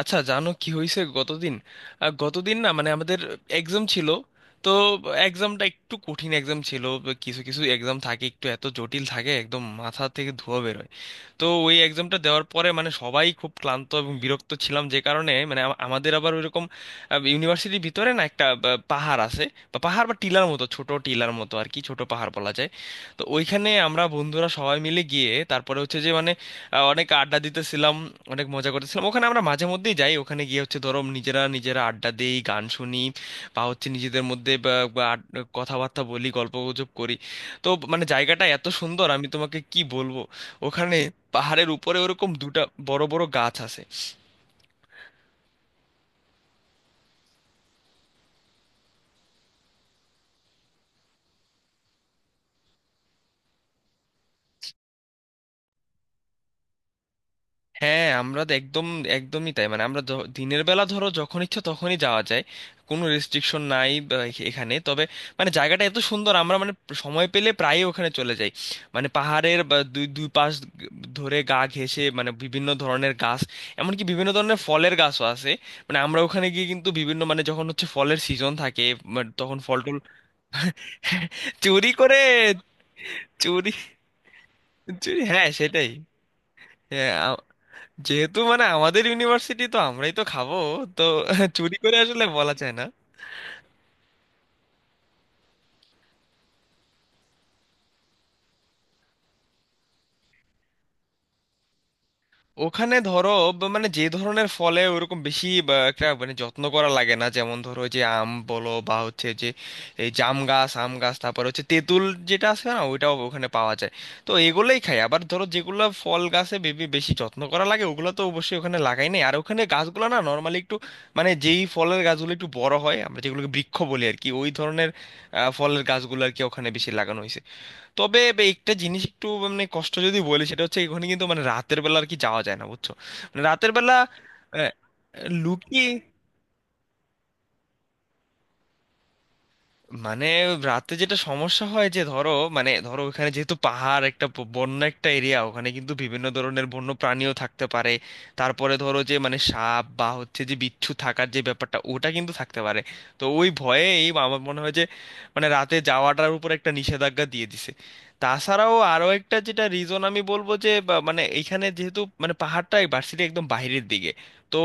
আচ্ছা, জানো কি হয়েছে গতদিন? গতদিন না, মানে আমাদের এক্সাম ছিল। তো এক্সামটা একটু কঠিন এক্সাম ছিল। কিছু কিছু এক্সাম থাকে একটু এত জটিল থাকে, একদম মাথা থেকে ধোঁয়া বেরোয়। তো ওই এক্সামটা দেওয়ার পরে মানে সবাই খুব ক্লান্ত এবং বিরক্ত ছিলাম, যে কারণে মানে আমাদের আবার ওইরকম ইউনিভার্সিটির ভিতরে না একটা পাহাড় আছে, বা পাহাড় বা টিলার মতো, ছোট টিলার মতো আর কি, ছোট পাহাড় বলা যায়। তো ওইখানে আমরা বন্ধুরা সবাই মিলে গিয়ে তারপরে হচ্ছে যে মানে অনেক আড্ডা দিতেছিলাম, অনেক মজা করতেছিলাম। ওখানে আমরা মাঝে মধ্যেই যাই, ওখানে গিয়ে হচ্ছে ধরো নিজেরা নিজেরা আড্ডা দিই, গান শুনি, বা হচ্ছে নিজেদের মধ্যে বা- বা আড- কথাবার্তা বলি, গল্পগুজব করি। তো মানে জায়গাটা এত সুন্দর আমি তোমাকে কি বলবো। ওখানে পাহাড়ের উপরে ওরকম দুটা বড় বড় গাছ আছে। হ্যাঁ, আমরা তো একদম একদমই তাই, মানে আমরা দিনের বেলা ধরো যখন ইচ্ছা তখনই যাওয়া যায়, কোনো রেস্ট্রিকশন নাই বা এখানে। তবে মানে জায়গাটা এত সুন্দর, আমরা মানে সময় পেলে প্রায়ই ওখানে চলে যাই। মানে পাহাড়ের বা দুই দুই পাশ গ- ধরে গা ঘেঁষে মানে বিভিন্ন ধরনের গাছ, এমনকি বিভিন্ন ধরনের ফলের গাছও আছে। মানে আমরা ওখানে গিয়ে কিন্তু বিভিন্ন মানে যখন হচ্ছে ফলের সিজন থাকে, মানে তখন ফল টল। চুরি করে। চুরি। চুরি হ্যাঁ সেটাই। হ্যাঁ, যেহেতু মানে আমাদের ইউনিভার্সিটি তো আমরাই তো খাবো, তো চুরি করে আসলে বলা যায় না। ওখানে ধরো মানে যে ধরনের ফলে ওরকম বেশি বা, একটা মানে যত্ন করা লাগে না, যেমন ধরো যে আম বলো বা হচ্ছে যে এই জাম গাছ, আম গাছ, তারপর হচ্ছে তেঁতুল, যেটা আছে না, ওইটাও ওখানে পাওয়া যায়। তো এগুলোই খাই। আবার ধরো যেগুলো ফল গাছে বেবি বেশি যত্ন করা লাগে ওগুলো তো অবশ্যই ওখানে লাগাই নাই। আর ওখানে গাছগুলো না নর্মালি একটু মানে যেই ফলের গাছগুলো একটু বড় হয়, আমরা যেগুলোকে বৃক্ষ বলি আর কি, ওই ধরনের ফলের গাছগুলো আর কি ওখানে বেশি লাগানো হয়েছে। তবে একটা জিনিস একটু মানে কষ্ট যদি বলি, সেটা হচ্ছে এখানে কিন্তু মানে রাতের বেলা আর কি যাওয়া যায় না, বুঝছো? মানে রাতের বেলা আহ, লুকিয়ে, মানে রাতে যেটা সমস্যা হয় যে ধরো মানে ধরো ওখানে যেহেতু পাহাড় একটা বন্য একটা এরিয়া, ওখানে কিন্তু বিভিন্ন ধরনের বন্য প্রাণীও থাকতে পারে। তারপরে ধরো যে মানে সাপ বা হচ্ছে যে বিচ্ছু থাকার যে ব্যাপারটা ওটা কিন্তু থাকতে পারে। তো ওই ভয়ে এই আমার মনে হয় যে মানে রাতে যাওয়াটার উপর একটা নিষেধাজ্ঞা দিয়ে দিছে। তাছাড়াও আরো একটা যেটা রিজন আমি বলবো যে বা মানে এখানে যেহেতু মানে পাহাড়টা ভার্সিটি একদম বাইরের দিকে, তো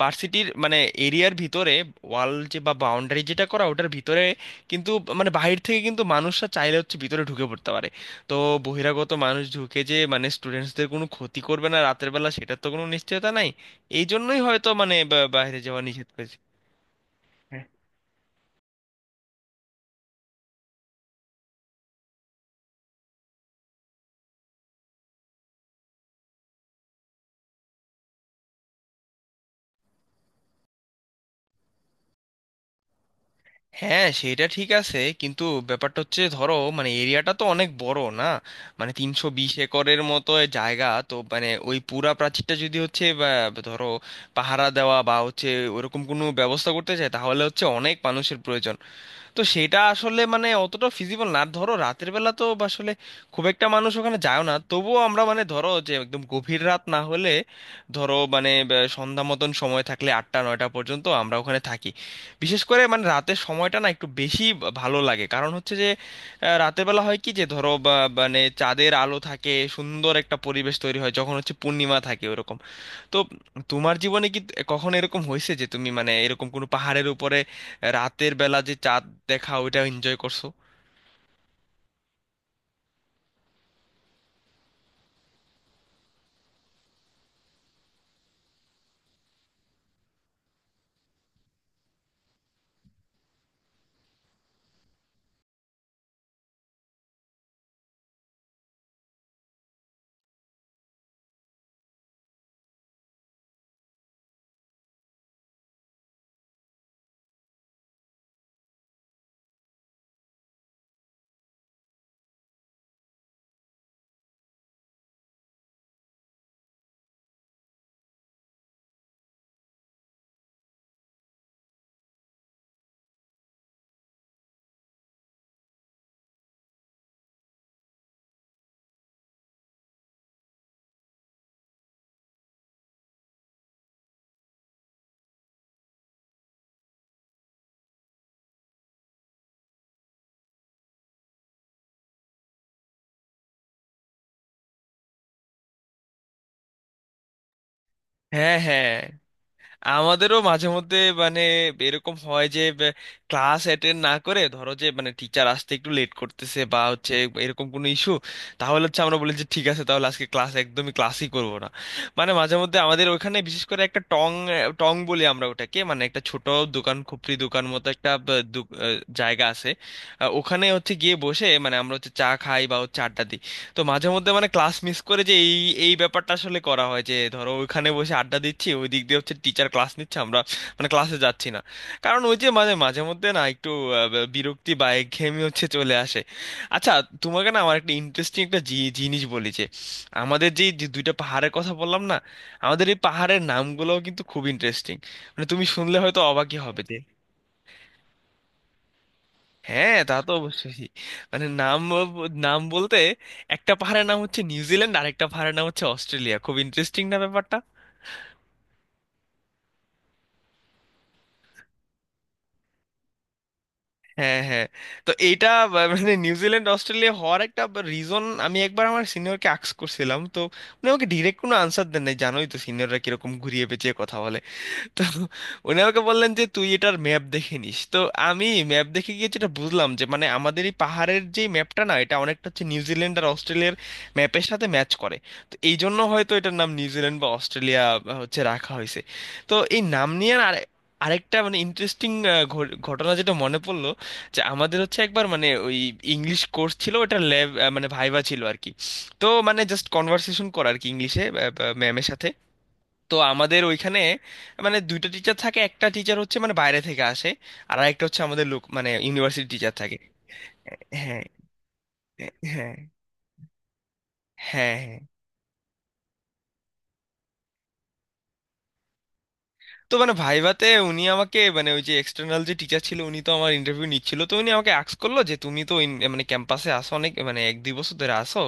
ভার্সিটির মানে এরিয়ার ভিতরে ওয়াল যে বা বাউন্ডারি যেটা করা ওটার ভিতরে, কিন্তু মানে বাহির থেকে কিন্তু মানুষরা চাইলে হচ্ছে ভিতরে ঢুকে পড়তে পারে। তো বহিরাগত মানুষ ঢুকে যে মানে স্টুডেন্টসদের কোনো ক্ষতি করবে না রাতের বেলা সেটার তো কোনো নিশ্চয়তা নাই। এই জন্যই হয়তো মানে বাইরে যাওয়া নিষেধ করেছে। হ্যাঁ। হ্যাঁ, সেটা ঠিক আছে, কিন্তু ব্যাপারটা হচ্ছে ধরো মানে এরিয়াটা তো অনেক বড় না, মানে 320 একরের মতো এ জায়গা, তো মানে ওই পুরা প্রাচীরটা যদি হচ্ছে বা, ধরো পাহারা দেওয়া বা হচ্ছে ওরকম কোনো ব্যবস্থা করতে চায় তাহলে হচ্ছে অনেক মানুষের প্রয়োজন। তো সেটা আসলে মানে অতটা ফিজিবল না। ধরো রাতের বেলা তো আসলে খুব একটা মানুষ ওখানে যায় না, তবুও আমরা মানে ধরো যে একদম গভীর রাত না হলে, ধরো মানে সন্ধ্যা মতন সময় থাকলে 8টা 9টা পর্যন্ত আমরা ওখানে থাকি। বিশেষ করে মানে রাতের সময়টা না একটু বেশি ভালো লাগে, কারণ হচ্ছে যে রাতের বেলা হয় কি যে ধরো মানে চাঁদের আলো থাকে, সুন্দর একটা পরিবেশ তৈরি হয় যখন হচ্ছে পূর্ণিমা থাকে ওরকম। তো তোমার জীবনে কি কখনো এরকম হয়েছে যে তুমি মানে এরকম কোনো পাহাড়ের উপরে রাতের বেলা যে চাঁদ দেখা ওইটা এনজয় করছো? হ্যাঁ হ্যাঁ, আমাদেরও মাঝে মধ্যে মানে এরকম হয় যে ক্লাস অ্যাটেন্ড না করে ধরো যে মানে টিচার আসতে একটু লেট করতেছে বা হচ্ছে এরকম কোনো ইস্যু, তাহলে হচ্ছে আমরা বলি যে ঠিক আছে তাহলে আজকে ক্লাস একদমই ক্লাসই করব না। মানে মাঝে মধ্যে আমাদের ওখানে বিশেষ করে একটা টং, টং বলি আমরা ওটাকে, মানে একটা ছোট দোকান, খুপড়ি দোকান মতো একটা জায়গা আছে। ওখানে হচ্ছে গিয়ে বসে মানে আমরা হচ্ছে চা খাই বা হচ্ছে আড্ডা দিই। তো মাঝে মধ্যে মানে ক্লাস মিস করে যে এই এই ব্যাপারটা আসলে করা হয় যে ধরো ওইখানে বসে আড্ডা দিচ্ছি, ওই দিক দিয়ে হচ্ছে টিচার ক্লাস নিচ্ছে, আমরা মানে ক্লাসে যাচ্ছি না। কারণ ওই যে মানে মাঝে মধ্যে না একটু বিরক্তি বা একঘেয়েমি হচ্ছে চলে আসে। আচ্ছা, তোমাকে না আমার একটা ইন্টারেস্টিং একটা জিনিস বলি যে আমাদের যে যে দুইটা পাহাড়ের কথা বললাম না, আমাদের এই পাহাড়ের নামগুলোও কিন্তু খুব ইন্টারেস্টিং। মানে তুমি শুনলে হয়তো অবাকই হবে। হ্যাঁ তা তো অবশ্যই। মানে নাম নাম বলতে, একটা পাহাড়ের নাম হচ্ছে নিউজিল্যান্ড আর একটা পাহাড়ের নাম হচ্ছে অস্ট্রেলিয়া। খুব ইন্টারেস্টিং না ব্যাপারটা? হ্যাঁ হ্যাঁ। তো এইটা মানে নিউজিল্যান্ড অস্ট্রেলিয়া হওয়ার একটা রিজন আমি একবার আমার সিনিয়রকে আক্স করছিলাম। তো উনি আমাকে ডিরেক্ট কোনো আনসার দেন নাই, জানোই তো সিনিয়ররা কিরকম ঘুরিয়ে পেঁচিয়ে কথা বলে। তো উনি আমাকে বললেন যে তুই এটার ম্যাপ দেখে নিস। তো আমি ম্যাপ দেখে গিয়ে যেটা বুঝলাম যে মানে আমাদের এই পাহাড়ের যে ম্যাপটা না এটা অনেকটা হচ্ছে নিউজিল্যান্ড আর অস্ট্রেলিয়ার ম্যাপের সাথে ম্যাচ করে। তো এই জন্য হয়তো এটার নাম নিউজিল্যান্ড বা অস্ট্রেলিয়া হচ্ছে রাখা হয়েছে। তো এই নাম নিয়ে আর আরেকটা মানে ইন্টারেস্টিং ঘটনা যেটা মনে পড়লো, যে আমাদের হচ্ছে একবার মানে ওই ইংলিশ কোর্স ছিল, ওটার ল্যাব মানে ভাইভা ছিল আর কি। তো মানে জাস্ট কনভারসেশন করা আর কি ইংলিশে ম্যামের সাথে। তো আমাদের ওইখানে মানে দুইটা টিচার থাকে, একটা টিচার হচ্ছে মানে বাইরে থেকে আসে, আর একটা হচ্ছে আমাদের লোক মানে ইউনিভার্সিটি টিচার থাকে। হ্যাঁ হ্যাঁ। হ্যাঁ হ্যাঁ হ্যাঁ। তো মানে ভাইভাতে উনি আমাকে মানে ওই যে এক্সটার্নাল যে টিচার ছিল উনি তো আমার ইন্টারভিউ নিচ্ছিল, তো উনি আমাকে আস্ক করলো যে তুমি তো মানে ক্যাম্পাসে আসো অনেক, মানে 1 2 বছর ধরে আসো,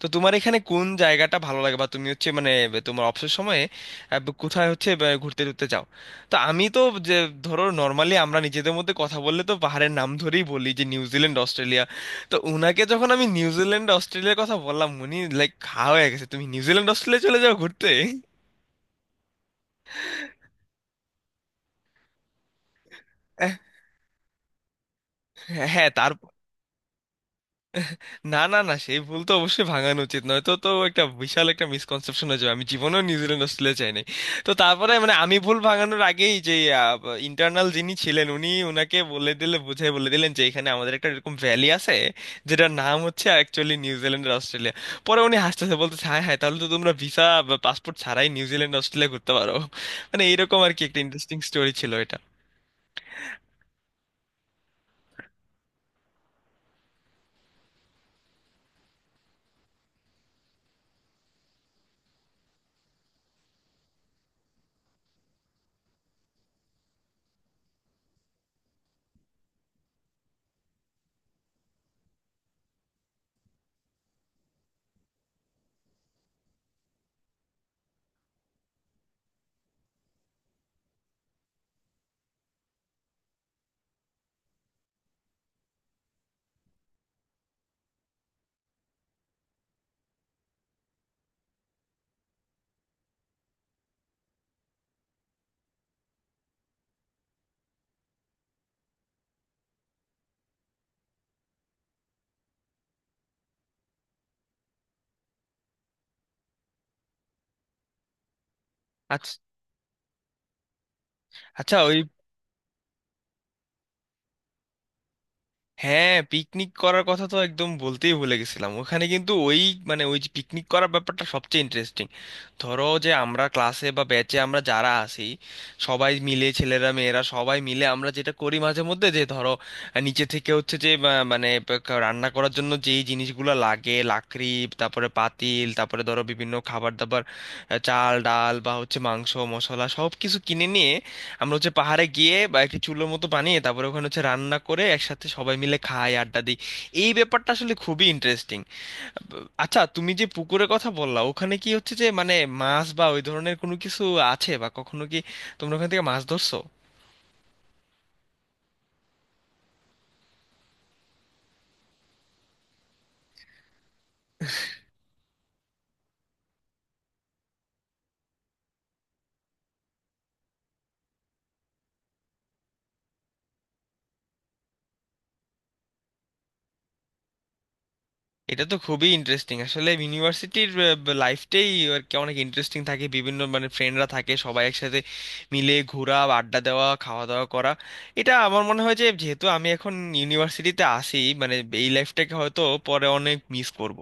তো তোমার এখানে কোন জায়গাটা ভালো লাগে বা তুমি হচ্ছে মানে তোমার অবসর সময়ে কোথায় হচ্ছে ঘুরতে টুরতে যাও। তো আমি তো যে ধরো নর্মালি আমরা নিজেদের মধ্যে কথা বললে তো পাহাড়ের নাম ধরেই বলি যে নিউজিল্যান্ড অস্ট্রেলিয়া। তো উনাকে যখন আমি নিউজিল্যান্ড অস্ট্রেলিয়ার কথা বললাম, উনি লাইক খা হয়ে গেছে তুমি নিউজিল্যান্ড অস্ট্রেলিয়া চলে যাও ঘুরতে। হ্যাঁ। না না না, সেই ভুল তো অবশ্যই ভাঙানো উচিত, নয়তো তো একটা বিশাল একটা মিসকনসেপশন হয়ে যাবে, আমি জীবনেও নিউজিল্যান্ড অস্ট্রেলিয়া চাইনি। তো তারপরে মানে আমি ভুল ভাঙানোর আগেই যে ইন্টারনাল যিনি ছিলেন উনি ওনাকে বলে দিলে বুঝাই বলে দিলেন যে এখানে আমাদের একটা এরকম ভ্যালি আছে যেটার নাম হচ্ছে অ্যাকচুয়ালি নিউজিল্যান্ড আর অস্ট্রেলিয়া। পরে উনি হাসতেছে বলতেছে হ্যাঁ হ্যাঁ তাহলে তো তোমরা ভিসা বা পাসপোর্ট ছাড়াই নিউজিল্যান্ড অস্ট্রেলিয়া ঘুরতে পারো। মানে এইরকম আর কি একটা ইন্টারেস্টিং স্টোরি ছিল এটা। আচ্ছা, আচ্ছা ওই, হ্যাঁ পিকনিক করার কথা তো একদম বলতেই ভুলে গেছিলাম। ওখানে কিন্তু ওই মানে ওই যে পিকনিক করার ব্যাপারটা সবচেয়ে ইন্টারেস্টিং। ধরো যে আমরা ক্লাসে বা ব্যাচে আমরা যারা আছি সবাই মিলে, ছেলেরা মেয়েরা সবাই মিলে আমরা যেটা করি মাঝে মধ্যে যে ধরো নিচে থেকে হচ্ছে যে মানে রান্না করার জন্য যেই জিনিসগুলো লাগে, লাকড়ি, তারপরে পাতিল, তারপরে ধরো বিভিন্ন খাবার দাবার, চাল ডাল বা হচ্ছে মাংস মশলা সব কিছু কিনে নিয়ে আমরা হচ্ছে পাহাড়ে গিয়ে বা একটি চুলোর মতো বানিয়ে, তারপরে ওখানে হচ্ছে রান্না করে একসাথে সবাই মিলে খাই, আড্ডা দিই। এই ব্যাপারটা আসলে খুবই ইন্টারেস্টিং। আচ্ছা, তুমি যে পুকুরের কথা বললা, ওখানে কি হচ্ছে যে মানে মাছ বা ওই ধরনের কোনো কিছু আছে, বা কখনো কি তোমরা ওখান থেকে মাছ ধরছো? এটা তো খুবই ইন্টারেস্টিং আসলে ইউনিভার্সিটির লাইফটাই আর কি, অনেক ইন্টারেস্টিং থাকে, বিভিন্ন মানে ফ্রেন্ডরা থাকে সবাই একসাথে মিলে ঘোরা, আড্ডা দেওয়া, খাওয়া দাওয়া করা। এটা আমার মনে হয় যে যেহেতু আমি এখন ইউনিভার্সিটিতে আসি মানে এই লাইফটাকে হয়তো পরে অনেক মিস করব।